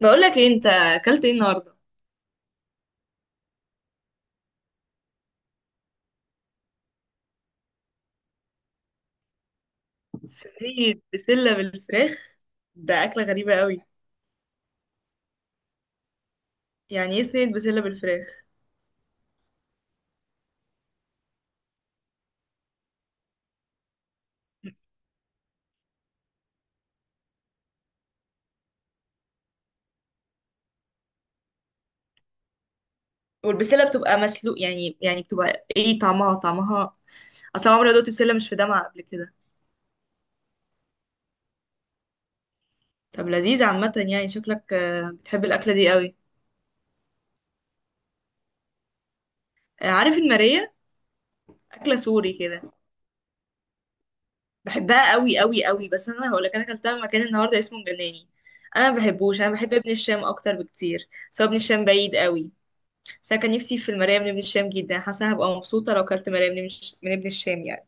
بقولك ايه انت اكلت ايه النهارده؟ صينيه بسله بالفراخ، ده اكله غريبه قوي. يعني ايه صينيه بسله بالفراخ؟ والبسله بتبقى مسلوق، يعني بتبقى ايه طعمها اصلا عمري ما دقت بسله مش في دمعه قبل كده. طب لذيذ عامه يعني، شكلك بتحب الاكله دي قوي. عارف الماريه، اكله سوري كده؟ بحبها قوي قوي قوي، بس انا هقولك، انا اكلتها من مكان النهارده اسمه مجناني. انا ما بحبوش، انا بحب ابن الشام اكتر بكتير، سواء ابن الشام بعيد قوي. بس انا كان نفسي في المرايه من ابن الشام جدا، حاسه هبقى مبسوطه لو كلت مرايه من من ابن الشام يعني.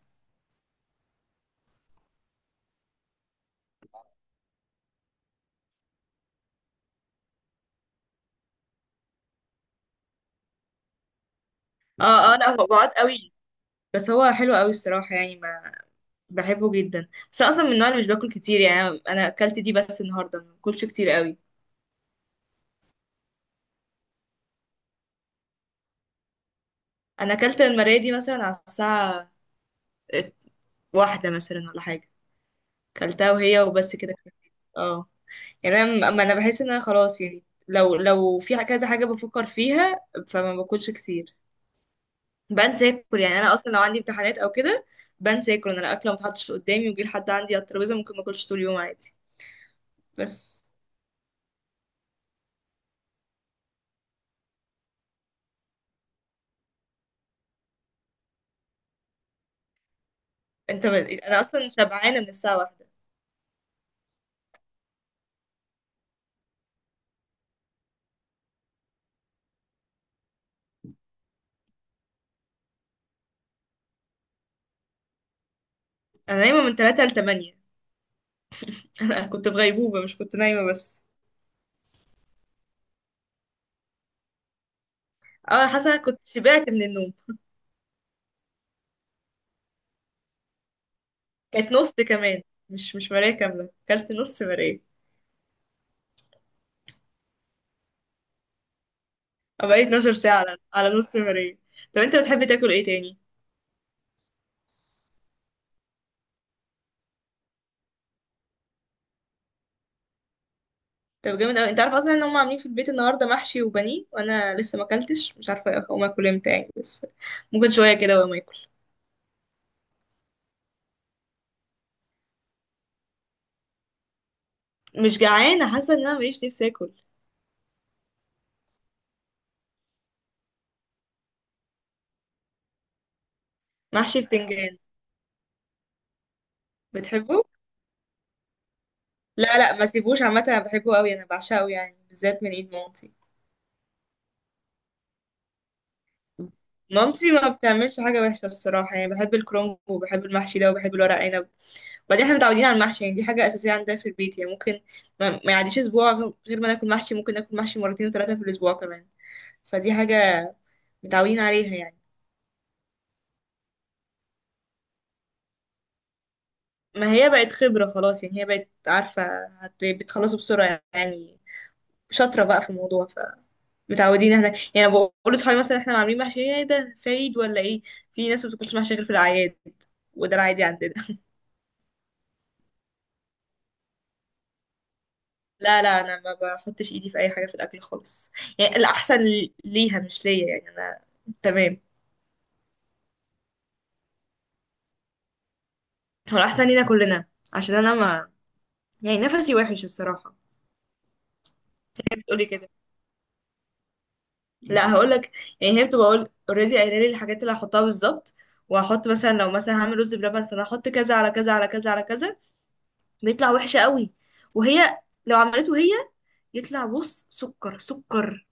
اه اه، لا هو بعاد قوي. بس هو حلو قوي الصراحه يعني، ما بحبه جدا. بس أنا اصلا من النوع اللي مش باكل كتير يعني، انا اكلت دي بس النهارده، ما باكلش كتير قوي. انا اكلت المرايه دي مثلا على الساعه واحدة مثلا ولا حاجه، اكلتها وهي وبس كده. اه. يعني انا أما انا بحس ان انا خلاص يعني، لو في كذا حاجه بفكر فيها، فما باكلش كتير، بنسى اكل. يعني انا اصلا لو عندي امتحانات او كده بنسى اكل. انا الاكل ما اتحطش قدامي ويجي لحد عندي على الترابيزه، ممكن ما اكلش طول اليوم عادي. بس انا اصلا شبعانه من الساعه واحدة. انا نايمه من 3 ل 8. انا كنت في غيبوبه مش كنت نايمه بس. اه، حاسه كنت شبعت من النوم. كانت نص كمان، مش مرايه كامله، اكلت نص مرايه. بقيت 12 ساعه على نص مرايه. طب انت بتحب تاكل ايه تاني؟ طب جامد قوي. انت عارف اصلا ان هم عاملين في البيت النهارده محشي وبانيه؟ وانا لسه ما اكلتش، مش عارفه اقوم اكل امتى يعني، بس ممكن شويه كده وما اكل. مش جعانه، حاسه ان انا ماليش نفسي اكل. محشي بتنجان. بتحبه؟ لا لا، ما سيبوش عامه، انا بحبه قوي، انا بعشقه يعني، بالذات من ايد مامتي. مامتي ما بتعملش حاجه وحشه الصراحه يعني، بحب الكرنب، وبحب المحشي ده، وبحب الورق عنب. وبعدين احنا متعودين على المحشي يعني، دي حاجه اساسيه عندنا في البيت يعني، ممكن ما يعديش اسبوع غير ما ناكل محشي، ممكن ناكل محشي مرتين وثلاثه في الاسبوع كمان. فدي حاجة متعودين عليها يعني. ما هي بقت خبرة خلاص يعني، هي بقت عارفة بتخلصوا بسرعة يعني، شاطرة بقى في الموضوع. ف متعودين احنا يعني، بقول لصحابي مثلا احنا عاملين محشي، ايه ده، في عيد ولا ايه؟ في ناس ما بتاكلش محشي غير في الاعياد، وده العادي عندنا. لا لا، انا ما بحطش ايدي في اي حاجة في الاكل خالص يعني. الاحسن ليها مش ليا يعني، انا تمام. هو الاحسن لينا كلنا، عشان انا ما، يعني نفسي وحش الصراحة. بتقولي كده؟ لا هقول لك، يعني هي بتبقى قول اوريدي قايله لي الحاجات اللي هحطها بالظبط. وهحط مثلا، لو مثلا هعمل رز بلبن، فانا هحط كذا على كذا على كذا على كذا، بيطلع وحش قوي. وهي لو عملته هي، يطلع بص سكر سكر.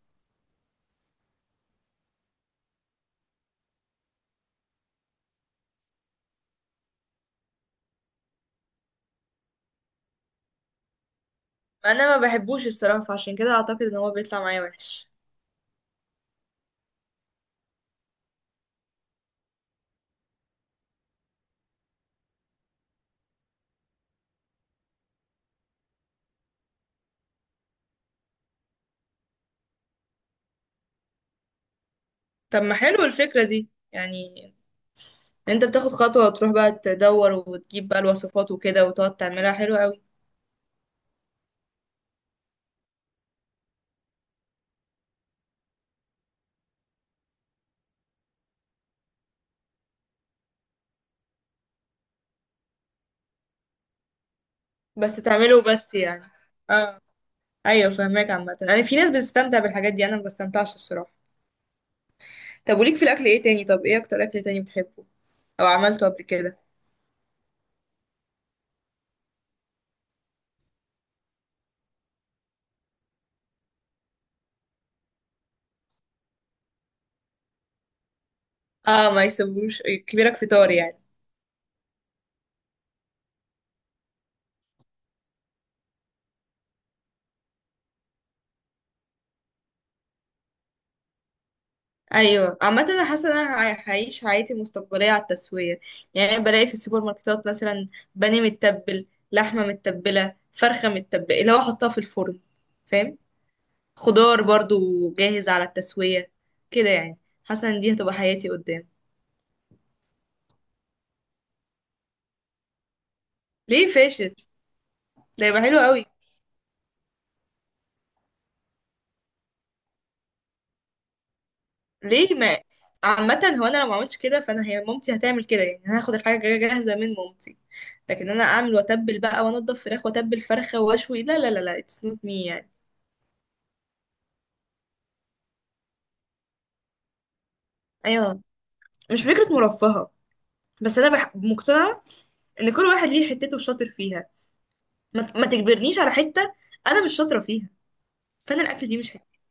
انا ما بحبوش الصراحه، فعشان كده اعتقد ان هو بيطلع معايا وحش. طب ما حلو الفكره دي يعني، إن انت بتاخد خطوه وتروح بقى تدور وتجيب بقى الوصفات وكده وتقعد تعملها حلو قوي. بس تعمله بس يعني. اه، ايوه فهماك عامه يعني. في ناس بتستمتع بالحاجات دي، انا ما بستمتعش الصراحه. طب وليك في الاكل ايه تاني؟ طب ايه اكتر اكل تاني بتحبه او عملته قبل كده؟ اه، ما يسيبوش كبيرك في طار يعني. ايوه عامه، انا حاسه ان انا هعيش حياتي المستقبليه على التسويه. يعني أنا بلاقي في السوبر ماركتات مثلا بانيه متبل، لحمه متبله، فرخه متبله، اللي هو احطها في الفرن، فاهم؟ خضار برضو جاهز على التسويه كده يعني. حاسه ان دي هتبقى حياتي قدام. ليه فاشل؟ ده يبقى حلو قوي. ليه ما، عامة هو انا لو ما عملتش كده، فانا هي مامتي هتعمل كده يعني، انا هاخد الحاجة جاهزة من مامتي. لكن انا اعمل واتبل بقى وانضف فراخ واتبل فرخة واشوي، لا لا لا لا، اتس نوت مي يعني. ايوه، مش فكرة مرفهة. مقتنعة ان كل واحد ليه حتته شاطر فيها. ما تجبرنيش على حتة انا مش شاطرة فيها، فانا الاكل دي مش حتة.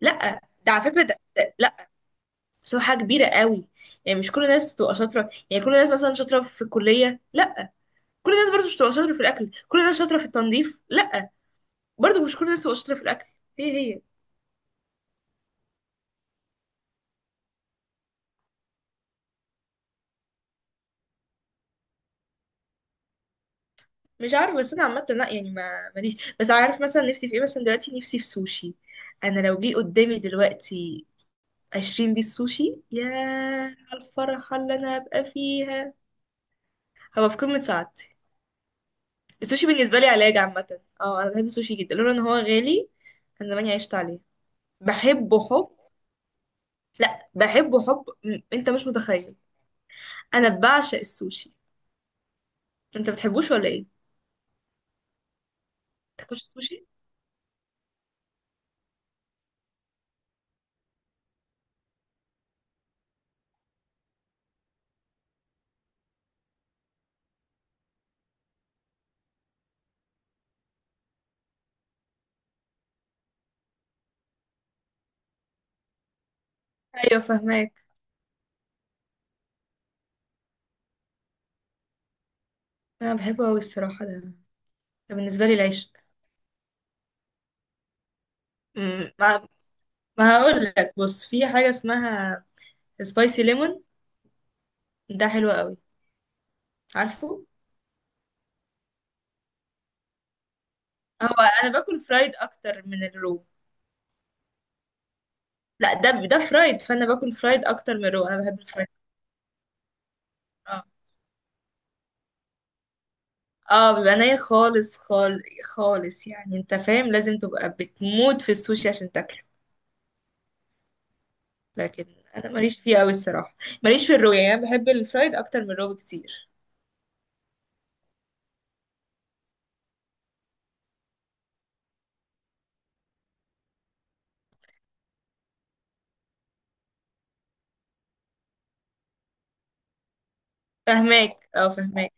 لا، ده على فكرة. لا، بس هو حاجة كبيرة قوي يعني. مش كل الناس بتبقى شاطرة، يعني كل الناس مثلا شاطرة في الكلية؟ لا. كل الناس برضه مش بتبقى شاطرة في الأكل. كل الناس شاطرة في التنظيف؟ لا. برضه مش كل الناس شاطره في الاكل. هي هي. مش عارفه، بس انا عامه لا يعني، ما ماليش. بس عارف مثلا نفسي في ايه مثلا دلوقتي؟ نفسي في سوشي. انا لو جه قدامي دلوقتي 20 بيس سوشي، يا على الفرحه اللي انا هبقى فيها، هبقى في قمه سعادتي. السوشي بالنسبه لي علاج عامه، اه انا بحب السوشي جدا. لولا ان هو غالي، كان زماني عشت عليه. بحبه حب. لا بحبه حب، انت مش متخيل. انا بعشق السوشي. انت بتحبوش ولا ايه؟ تاكلش سوشي؟ ايوه فاهماك. انا بحبه قوي الصراحه ده، بالنسبة لي العيش. مم، ما ما هقول لك، بص في حاجة اسمها سبايسي ليمون، ده حلو قوي، عارفه. هو انا باكل فرايد اكتر من الرو. لا، ده فرايد، فانا باكل فرايد اكتر من الرو، انا بحب الفرايد. اه اه، بيبقى ني خالص، خالص يعني. انت فاهم لازم تبقى بتموت في السوشي عشان تاكله. لكن انا ماليش فيه قوي الصراحة، ماليش في الرو يعني، انا بحب الفرايد اكتر من الرو بكتير. فهماك اه، فهماك.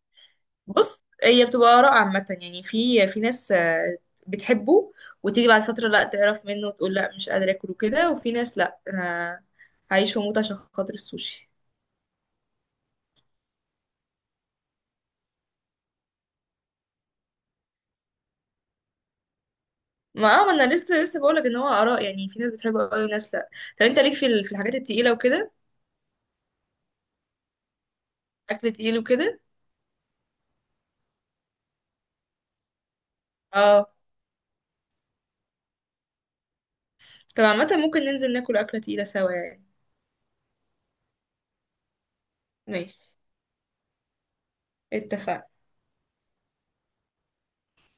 بص هي بتبقى آراء عامة يعني. في ناس بتحبه وتيجي بعد فترة لا تعرف منه وتقول لا مش قادرة اكله كده، وفي ناس لا، انا هعيش واموت عشان خاطر السوشي. ما اه، ما انا لسه لسه بقولك ان هو آراء يعني. في ناس بتحبه قوي وناس لا. طب انت ليك في في الحاجات التقيلة وكده؟ اكل تقيل وكده؟ اه. طب عامة ممكن ننزل ناكل أكلة تقيلة سوا يعني. ماشي، اتفقنا.